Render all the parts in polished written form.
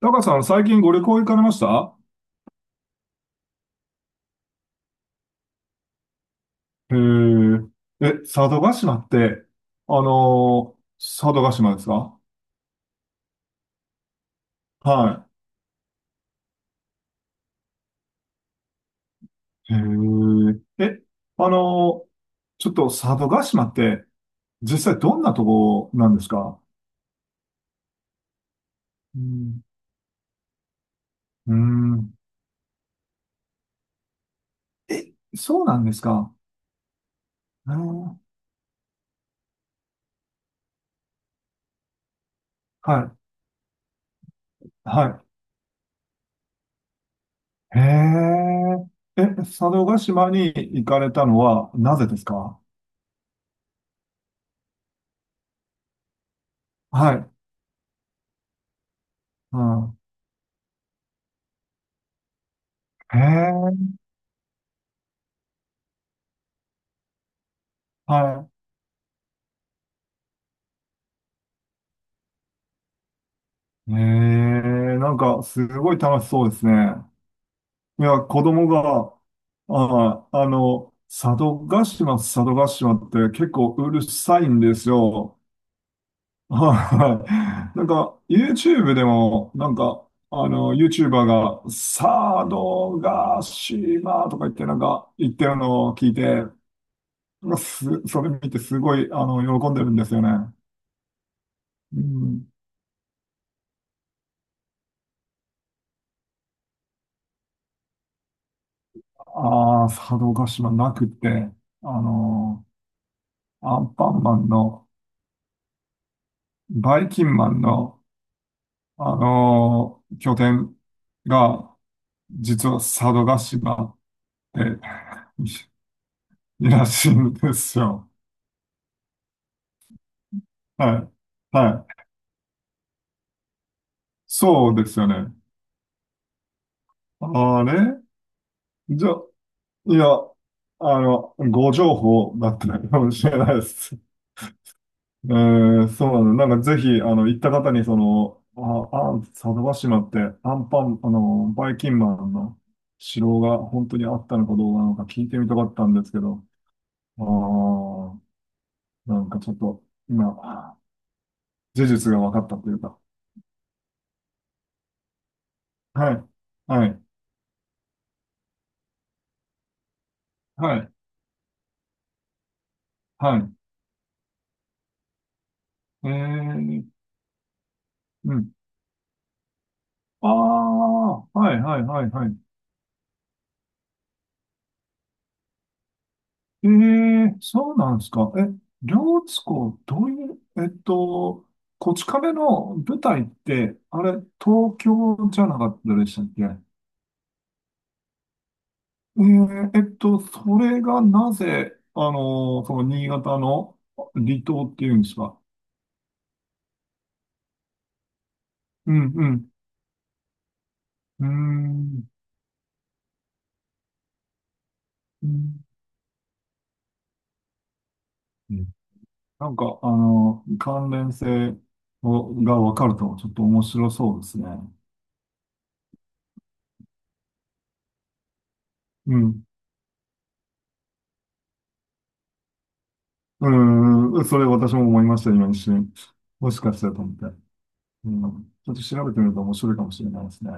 タカさん、最近ご旅行行かれました？へえ。え、佐渡島って、佐渡島ですか？はい。へえ。え、あのーちょっと佐渡島って、実際どんなとこなんですか？うん。うん。え、そうなんですか？うのはい。はい。へえ。え、佐渡島に行かれたのはなぜですか？はい。うん。へえ。はい。ええ、なんか、すごい楽しそうですね。いや、子供が、あ、佐渡島、佐渡島って結構うるさいんですよ。はい。なんか、YouTube でも、なんか、YouTuber が、佐渡島とか言って、なんか、言ってるのを聞いて、なんかす、それ見てすごい、喜んでるんですよね。うん。ああ、佐渡島なくて、あの、アンパンマンの、バイキンマンの、拠点が、実は佐渡島で いらしいんですよ。はい。はい。そうですよね。あれじゃ、いや、ご情報だったかもしれないです。えそうなの。なんかぜひ、行った方に、その、あ、あ、佐渡島って、アンパン、あの、バイキンマンの城が本当にあったのかどうなのか聞いてみたかったんですけど、ああ、なんかちょっと、今、事実が分かったというか。はい、はい、はい、はい。えー、うん。ああ、はい、はい、はい、はい。ええ、そうなんですか。え、両津湖、どういう、こち亀の舞台って、あれ、東京じゃなかったでしたっけ？それがなぜ、その新潟の離島っていうんですか？うん、うん、うーん、うんうんなんか、関連性をがわかると、ちょっと面白そうですね。うん。うん、それ私も思いました、今一瞬。もしかしたらと思って。うん、ちょっと調べてみると面白いかもしれないですね。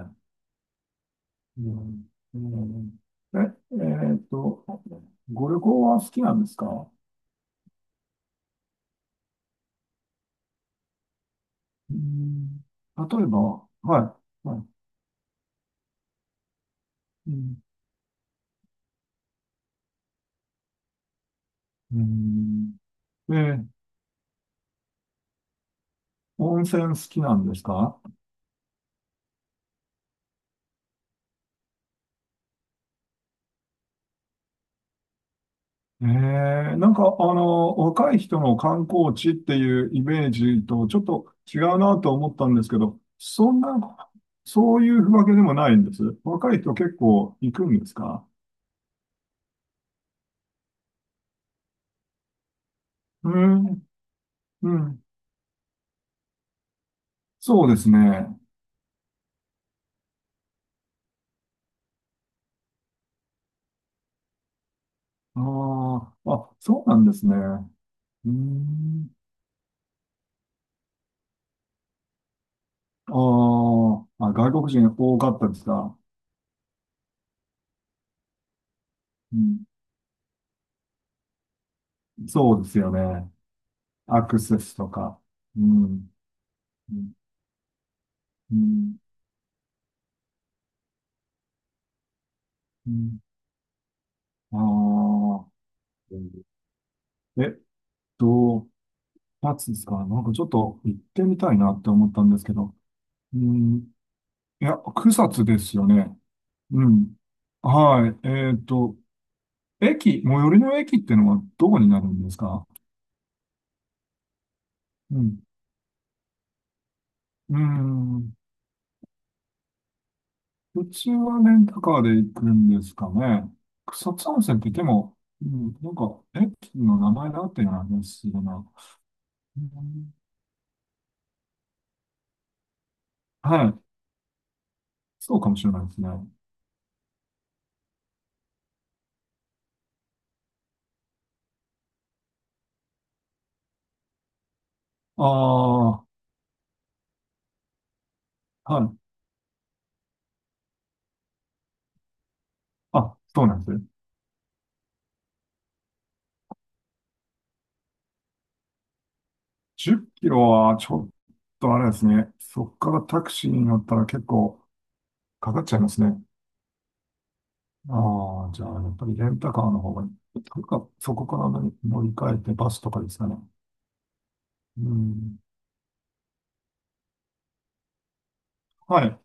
うん、うん。え、えーっと、ご旅行は好きなんですか？うん、例えば、はい、はい。うん、うん。えー温泉好きなんですか？ええ、なんか、若い人の観光地っていうイメージとちょっと違うなと思ったんですけど、そんな、そういうわけでもないんです。若い人結構行くんですか？うん、うん。そうですね。ああ、あ、そうなんですね。うん。あーあ、外国人多かったですか？うん、そうですよね。アクセスとか。うん。うん。うん。うんああ。えっと、二つですか？なんかちょっと行ってみたいなって思ったんですけど。うん、いや、草津ですよね。うん。はい。最寄りの駅ってのはどこになるんですか？うん。うん。うちはレンタカーで行くんですかね。草津温泉って言っても、うん、なんか駅の名前だっていう話だな。うん、はい。そうかもしれないですね。ああ、はい。あ、そうなんです。10キロはちょっとあれですね。そこからタクシーに乗ったら結構かかっちゃいますね。ああ、じゃあやっぱりレンタカーの方がいい。というか、そこから乗り換えてバスとかですかね。うん。はい。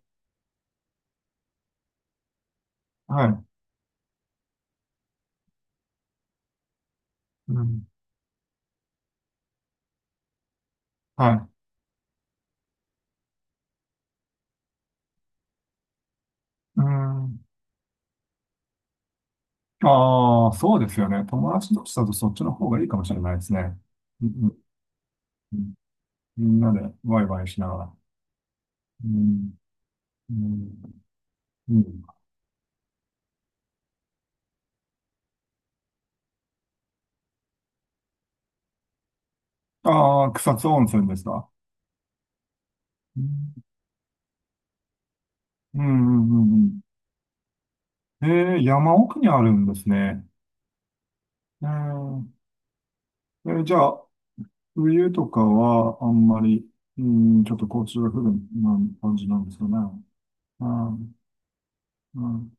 はい。うん。はい。うん。ああ、そうですよね。友達同士だとそっちの方がいいかもしれないですね。うん。うん、みんなでワイワイしながら。うん。うん。うん。ああ、草津温泉ですか？うん。うん。うん。うんうん、えー、山奥にあるんですね。ええー。じゃあ、冬とかはあんまり、うん、ちょっと交通が不便な感じなんですかね？うん、うん、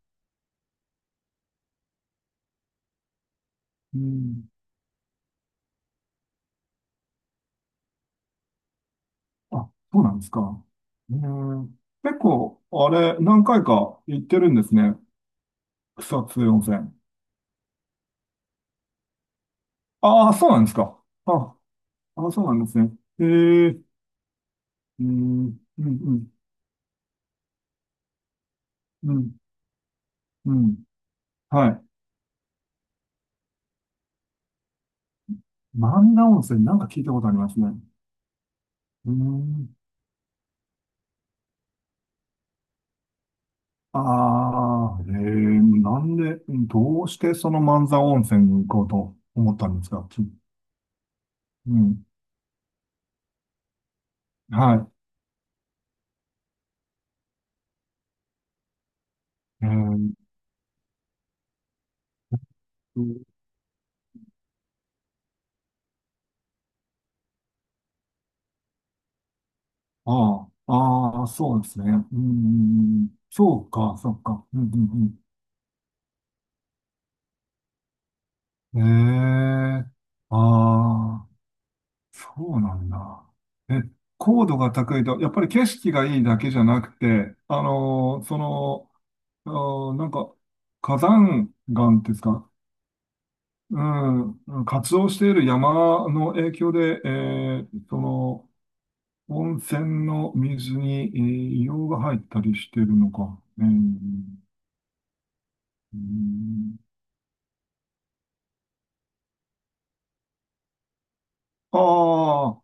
うん。あ、そうなんですか。えー、結構、あれ、何回か行ってるんですね。草津温泉。ああ、そうなんですか。あ、あ、そうなんですね。えー、うん、うん、うん、うん、うん。はい。万田温泉、なんか聞いたことありますね。うん、ああ、ええ、なんで、うん、どうしてその万座温泉に行こうと思ったんですかき？うん、はい。と、ああ、ああ、そうですね。うん、そうか、そうか。うん、うん、うん。ええ、ああ、そうなんだ。え、高度が高いと、やっぱり景色がいいだけじゃなくて、その、なんか、火山岩ですか？うん、活動している山の影響で、その、温泉の水に、硫黄が入ったりしてるのか。えー、うん、ああ、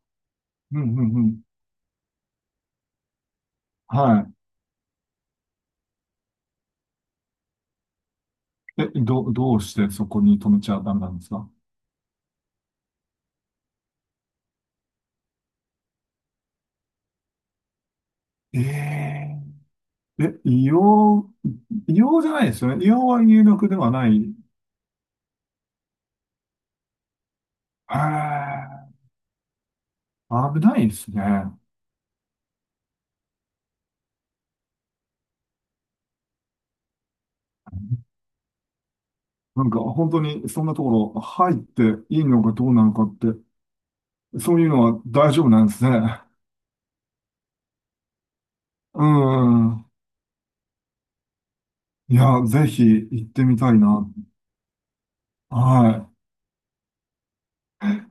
うん、うん、うん。はい。え、どうしてそこに止めちゃダメなんですか？えええ、硫黄、硫黄じゃないですよね。硫黄は有毒ではない。へえ、危ないですね。なんか本当にそんなところ入っていいのかどうなのかって、そういうのは大丈夫なんですね。うん。いや、ぜひ行ってみたいな。はい。